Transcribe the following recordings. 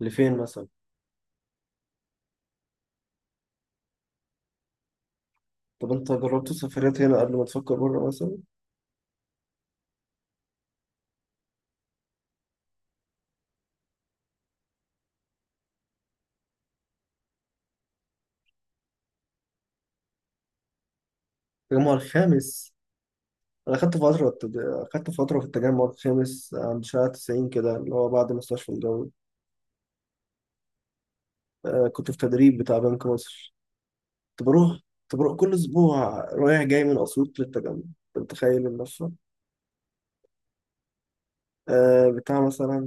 لفين مثلا؟ طب انت جربت سفريات هنا قبل ما تفكر بره مثلا؟ التجمع الخامس. انا خدت فتره التج... خدت فتره في التجمع الخامس عند شارع 90 كده اللي هو بعد مستشفى الجوي. آه، كنت في تدريب بتاع بنك مصر. كنت بروح كنت بروح كل اسبوع رايح جاي من اسيوط للتجمع. انت متخيل المشروع؟ آه، بتاع مثلا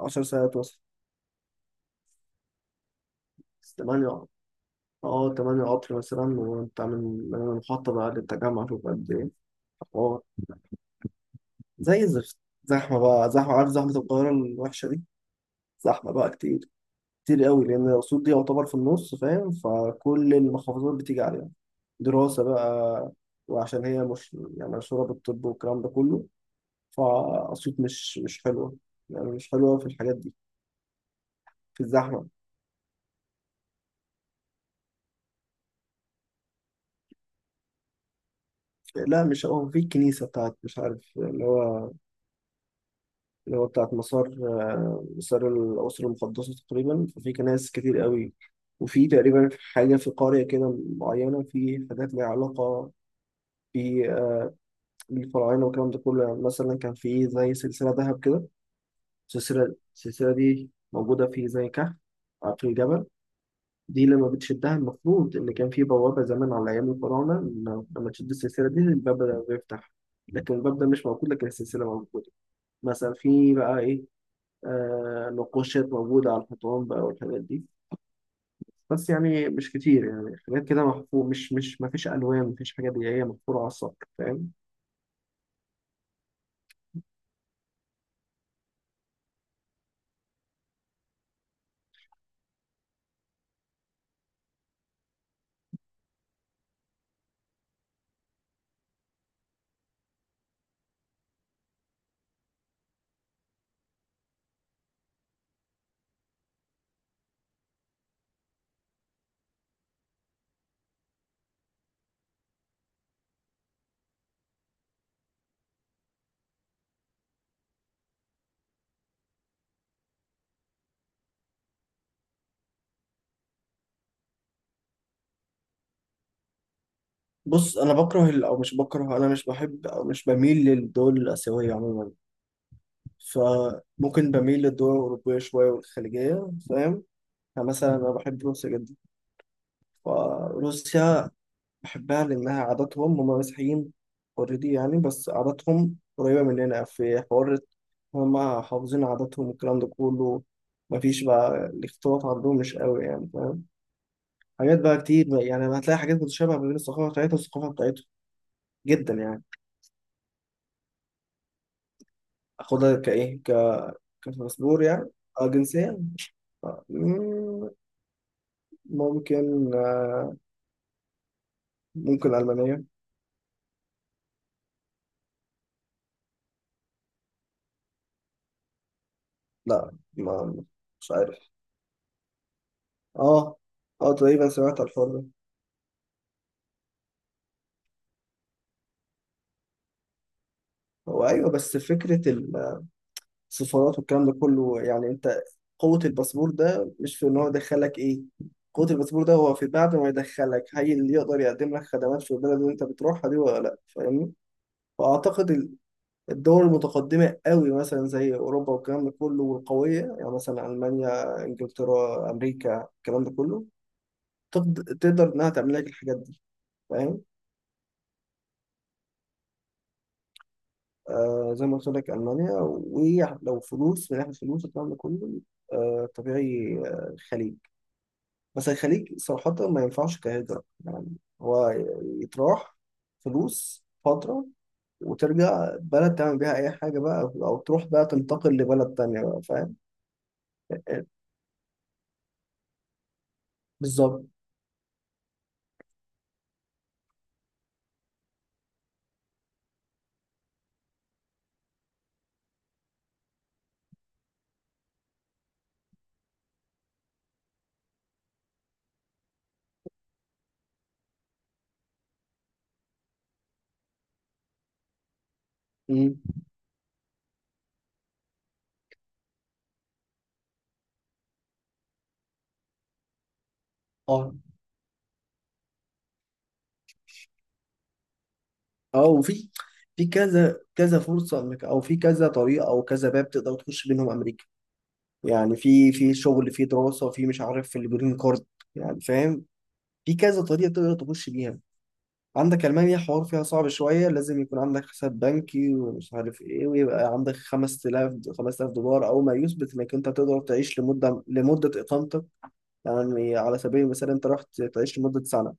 آه، 10 ساعات مثلا. 8. اه 8 قطر مثلا. وانت من المحطة بقى للتجمع شوف قد ايه. حوار. زي الزفت. زحمة بقى زحمة، عارف، زحمة القاهرة الوحشة دي، زحمة بقى كتير، كتير قوي لأن الأسيوط دي يعتبر في النص فاهم، فكل المحافظات بتيجي عليها دراسة بقى. وعشان هي مش يعني مشهورة بالطب والكلام ده كله، فأسيوط مش حلوة. يعني مش حلوة في الحاجات دي، في الزحمة. لا، مش هو في الكنيسة بتاعت مش عارف اللي هو، اللي هو بتاعت مسار، مسار الأسرة المقدسة تقريبا، ففي كنائس كتير قوي. وفي تقريبا حاجة في قرية كده معينة، في حاجات ليها علاقة ب- آه، بالفراعنة والكلام ده كله. يعني مثلا كان في زي سلسلة ذهب كده، السلسلة دي موجودة في زي كهف في الجبل. دي لما بتشدها، المفروض إن كان في بوابة زمان على أيام الفراعنة، إن لما تشد السلسلة دي الباب ده بيفتح، لكن الباب ده مش موجود لكن السلسلة موجودة. مثلا في بقى إيه، آه، نقوشات موجودة على الحيطان بقى والحاجات دي، بس يعني مش كتير. يعني حاجات كده محفور، مش ما فيش ألوان، ما فيش حاجات، هي محفورة على السطح فاهم. بص، انا بكره او مش بكره، انا مش بحب او مش بميل للدول الاسيويه عموما. فممكن بميل للدول الاوروبيه شويه والخليجيه فاهم. يعني مثلا انا بحب روسيا جدا، فروسيا بحبها لأنها عاداتهم هم مسيحيين اوريدي يعني، بس عاداتهم قريبة مننا في حوار. هم حافظين عاداتهم والكلام ده كله، مفيش بقى الاختلاط عندهم مش قوي يعني فاهم. حاجات بقى كتير بقى، يعني هتلاقي حاجات متشابهة ما بين الثقافة بتاعتها والثقافة بتاعتهم جدا يعني. أخدها كإيه، كباسبور يعني؟ أه، جنسية. آه، مم، ممكن آه، ممكن ألمانية. لا، ما مش عارف. اه، اه، تقريبا سمعت الحوار ده. هو ايوه، بس فكره ال سفارات والكلام ده كله يعني، انت قوة الباسبور ده مش في ان هو يدخلك ايه، قوة الباسبور ده هو في بعد ما يدخلك، هي اللي يقدر يقدم لك خدمات في البلد اللي انت بتروحها دي ولا لا فاهمني. فاعتقد الدول المتقدمة قوي مثلا زي اوروبا والكلام ده كله والقوية، يعني مثلا المانيا، انجلترا، امريكا، الكلام ده كله تقدر انها تعمل لك الحاجات دي فاهم. آه، زي ما قلت لك المانيا. ولو فلوس من ناحية فلوس الكلام ده كله، آه طبيعي، الخليج. بس الخليج صراحة ما ينفعش كهجرة يعني، هو يتراح فلوس فترة وترجع بلد تعمل بيها أي حاجة بقى، أو تروح بقى تنتقل لبلد تانية بقى فاهم. بالظبط. مم. اه، اه، وفي في كذا كذا فرصة انك، او في كذا طريقة او كذا باب تقدر تخش منهم امريكا. يعني في في شغل، في دراسة، في مش عارف، في الجرين كارد يعني فاهم. في كذا طريقة تقدر تخش بيها. عندك ألمانيا حوار فيها صعب شوية، لازم يكون عندك حساب بنكي ومش عارف إيه، ويبقى عندك 5000، 5000 دولار أول ما يثبت إنك أنت تقدر تعيش لمدة إقامتك. يعني على سبيل المثال، أنت رحت تعيش لمدة سنة،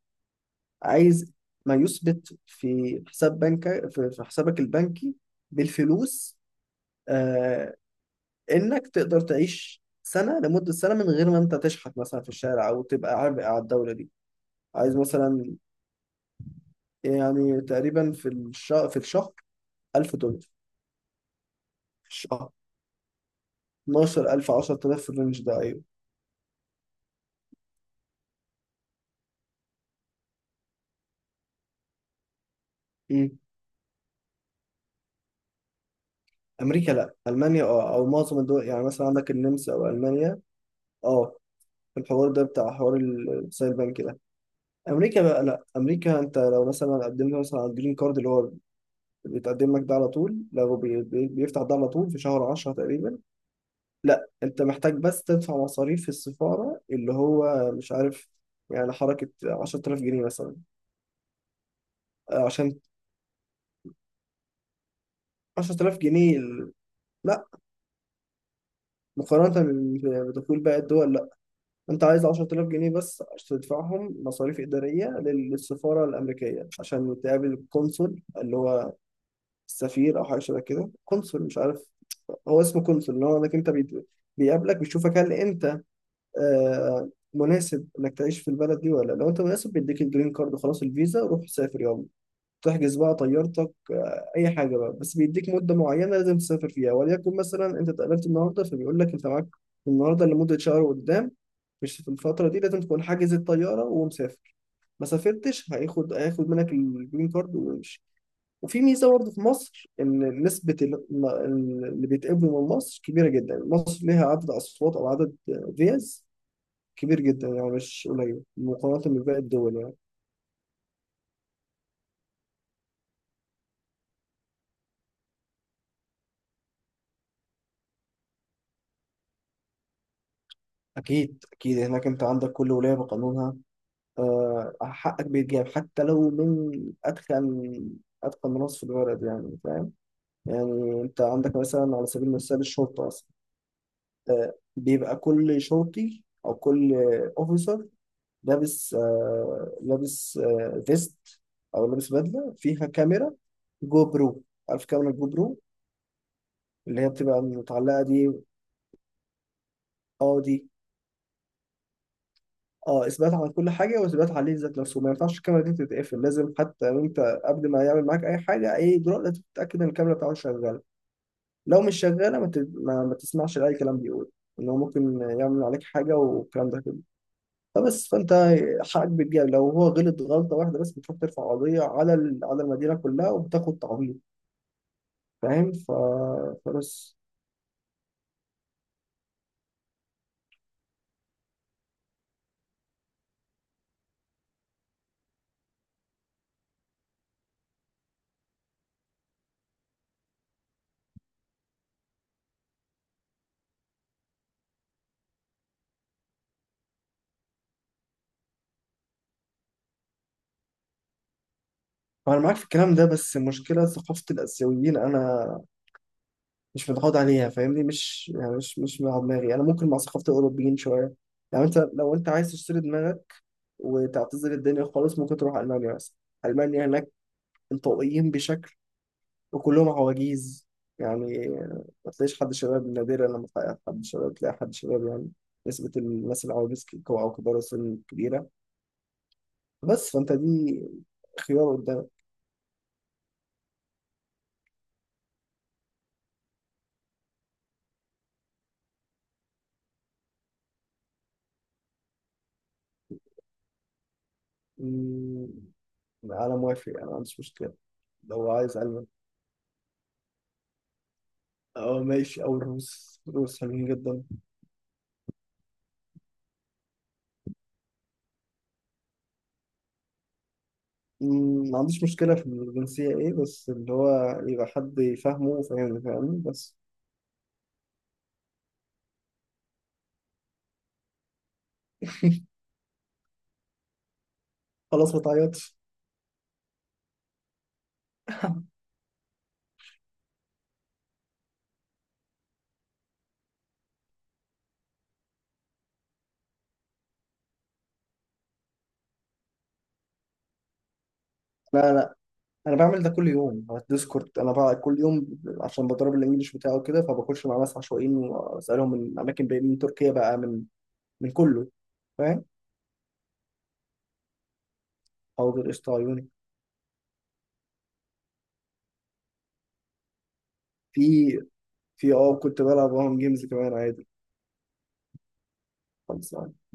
عايز ما يثبت في حساب بنك، في حسابك البنكي بالفلوس، آه، إنك تقدر تعيش سنة لمدة سنة من غير ما أنت تشحت مثلا في الشارع أو تبقى عبء على الدولة دي. عايز مثلا، يعني تقريبا في الشهر، في الشهر 1000 دولار. مش- آه، 12000، 10000 في الرينج ده ايوه. مم. امريكا؟ لا، المانيا. اه، او معظم الدول يعني، مثلا عندك النمسا او المانيا. اه، في الحوار ده بتاع حوار السايل بانك ده. امريكا بقى لا، امريكا انت لو مثلا قدمت مثلا على الجرين كارد اللي هو بيتقدم لك ده على طول، لو بيفتح ده على طول في شهر 10 تقريبا. لا، انت محتاج بس تدفع مصاريف في السفاره اللي هو مش عارف، يعني حركه 10000 جنيه مثلا، آه، عشان 10000 جنيه لا، مقارنه بدخول باقي الدول انت عايز 10000 جنيه بس عشان تدفعهم مصاريف اداريه للسفاره الامريكيه عشان تقابل القنصل اللي هو السفير او حاجه شبه كده، قنصل مش عارف. هو اسمه قنصل، اللي هو انك انت بيقابلك، بيشوفك هل انت آه، مناسب انك تعيش في البلد دي ولا لا. لو انت مناسب بيديك الجرين كارد خلاص، الفيزا روح سافر يلا، تحجز بقى طيارتك اي حاجه بقى. بس بيديك مده معينه لازم تسافر فيها، وليكن مثلا انت اتقابلت النهارده فبيقول لك انت معاك النهارده لمده شهر قدام، مش في الفتره دي لازم تكون حاجز الطياره ومسافر. ما سافرتش هياخد، هياخد منك الجرين كارد ويمشي. وفي ميزه برضه في مصر ان نسبه اللي بيتقبلوا من مصر كبيره جدا. مصر ليها عدد اصوات او عدد فيز كبير جدا، يعني مش قليل مقارنه بباقي الدول يعني. اكيد اكيد هناك، انت عندك كل ولايه بقانونها، آه، حقك بيتجاب حتى لو من أتخن أتخن ناس في البلد يعني فاهم. يعني أنت عندك مثلا على سبيل المثال الشرطة مثلا، آه، بيبقى كل شرطي أو كل أوفيسر لابس، لابس، فيست أو لابس بدلة فيها كاميرا جو برو. عارف كاميرا جو برو اللي هي بتبقى متعلقة دي. اه، دي اه، اثبات على كل حاجه، واثبات عليه ذات نفسه، ما ينفعش الكاميرا دي تتقفل، لازم حتى وانت قبل ما يعمل معاك اي حاجه، اي اجراء لازم تتاكد ان الكاميرا بتاعته شغاله. لو مش شغاله ما, ت... ما... ما تسمعش لاي كلام بيقول ان هو ممكن يعمل عليك حاجه والكلام ده كله. فبس فانت حقك بيتجاب. لو هو غلط غلطه واحده بس، بتروح ترفع قضيه على ال... على المدينه كلها وبتاخد تعويض فاهم فبس. انا معاك في الكلام ده، بس المشكله ثقافه الاسيويين انا مش متعود عليها فاهمني. مش يعني مش مع دماغي، انا ممكن مع ثقافه الاوروبيين شويه. يعني انت لو انت عايز تشتري دماغك وتعتزل الدنيا خالص، ممكن تروح المانيا مثلا. المانيا هناك انطوائيين بشكل وكلهم عواجيز يعني، ما تلاقيش حد شباب. نادرا لما تلاقي حد شباب تلاقي حد شباب يعني، نسبة الناس العواجيز أو كبار السن كبيرة. بس فأنت دي خيار قدامك. أمم، أنا موافق، أنا ما عنديش مشكلة. لو عايز ألمان، أه ماشي، أو الروس، الروس حلوين جدا. مم، ما عنديش مشكلة في الجنسية، إيه بس اللي هو يبقى حد يفهمه وفاهمني فاهمني بس. خلاص ما تعيطش. لا لا، أنا بعمل ده كل يوم على الديسكورد أنا بقى، كل يوم عشان بدرب الإنجليش بتاعه كده، فبخش مع ناس عشوائيين وأسألهم من أماكن بعيدة، من تركيا بقى، من من كله فاهم. حاضر قشطة عيوني. في في كنت بلعب معاهم جيمز كمان عادي. خلاص.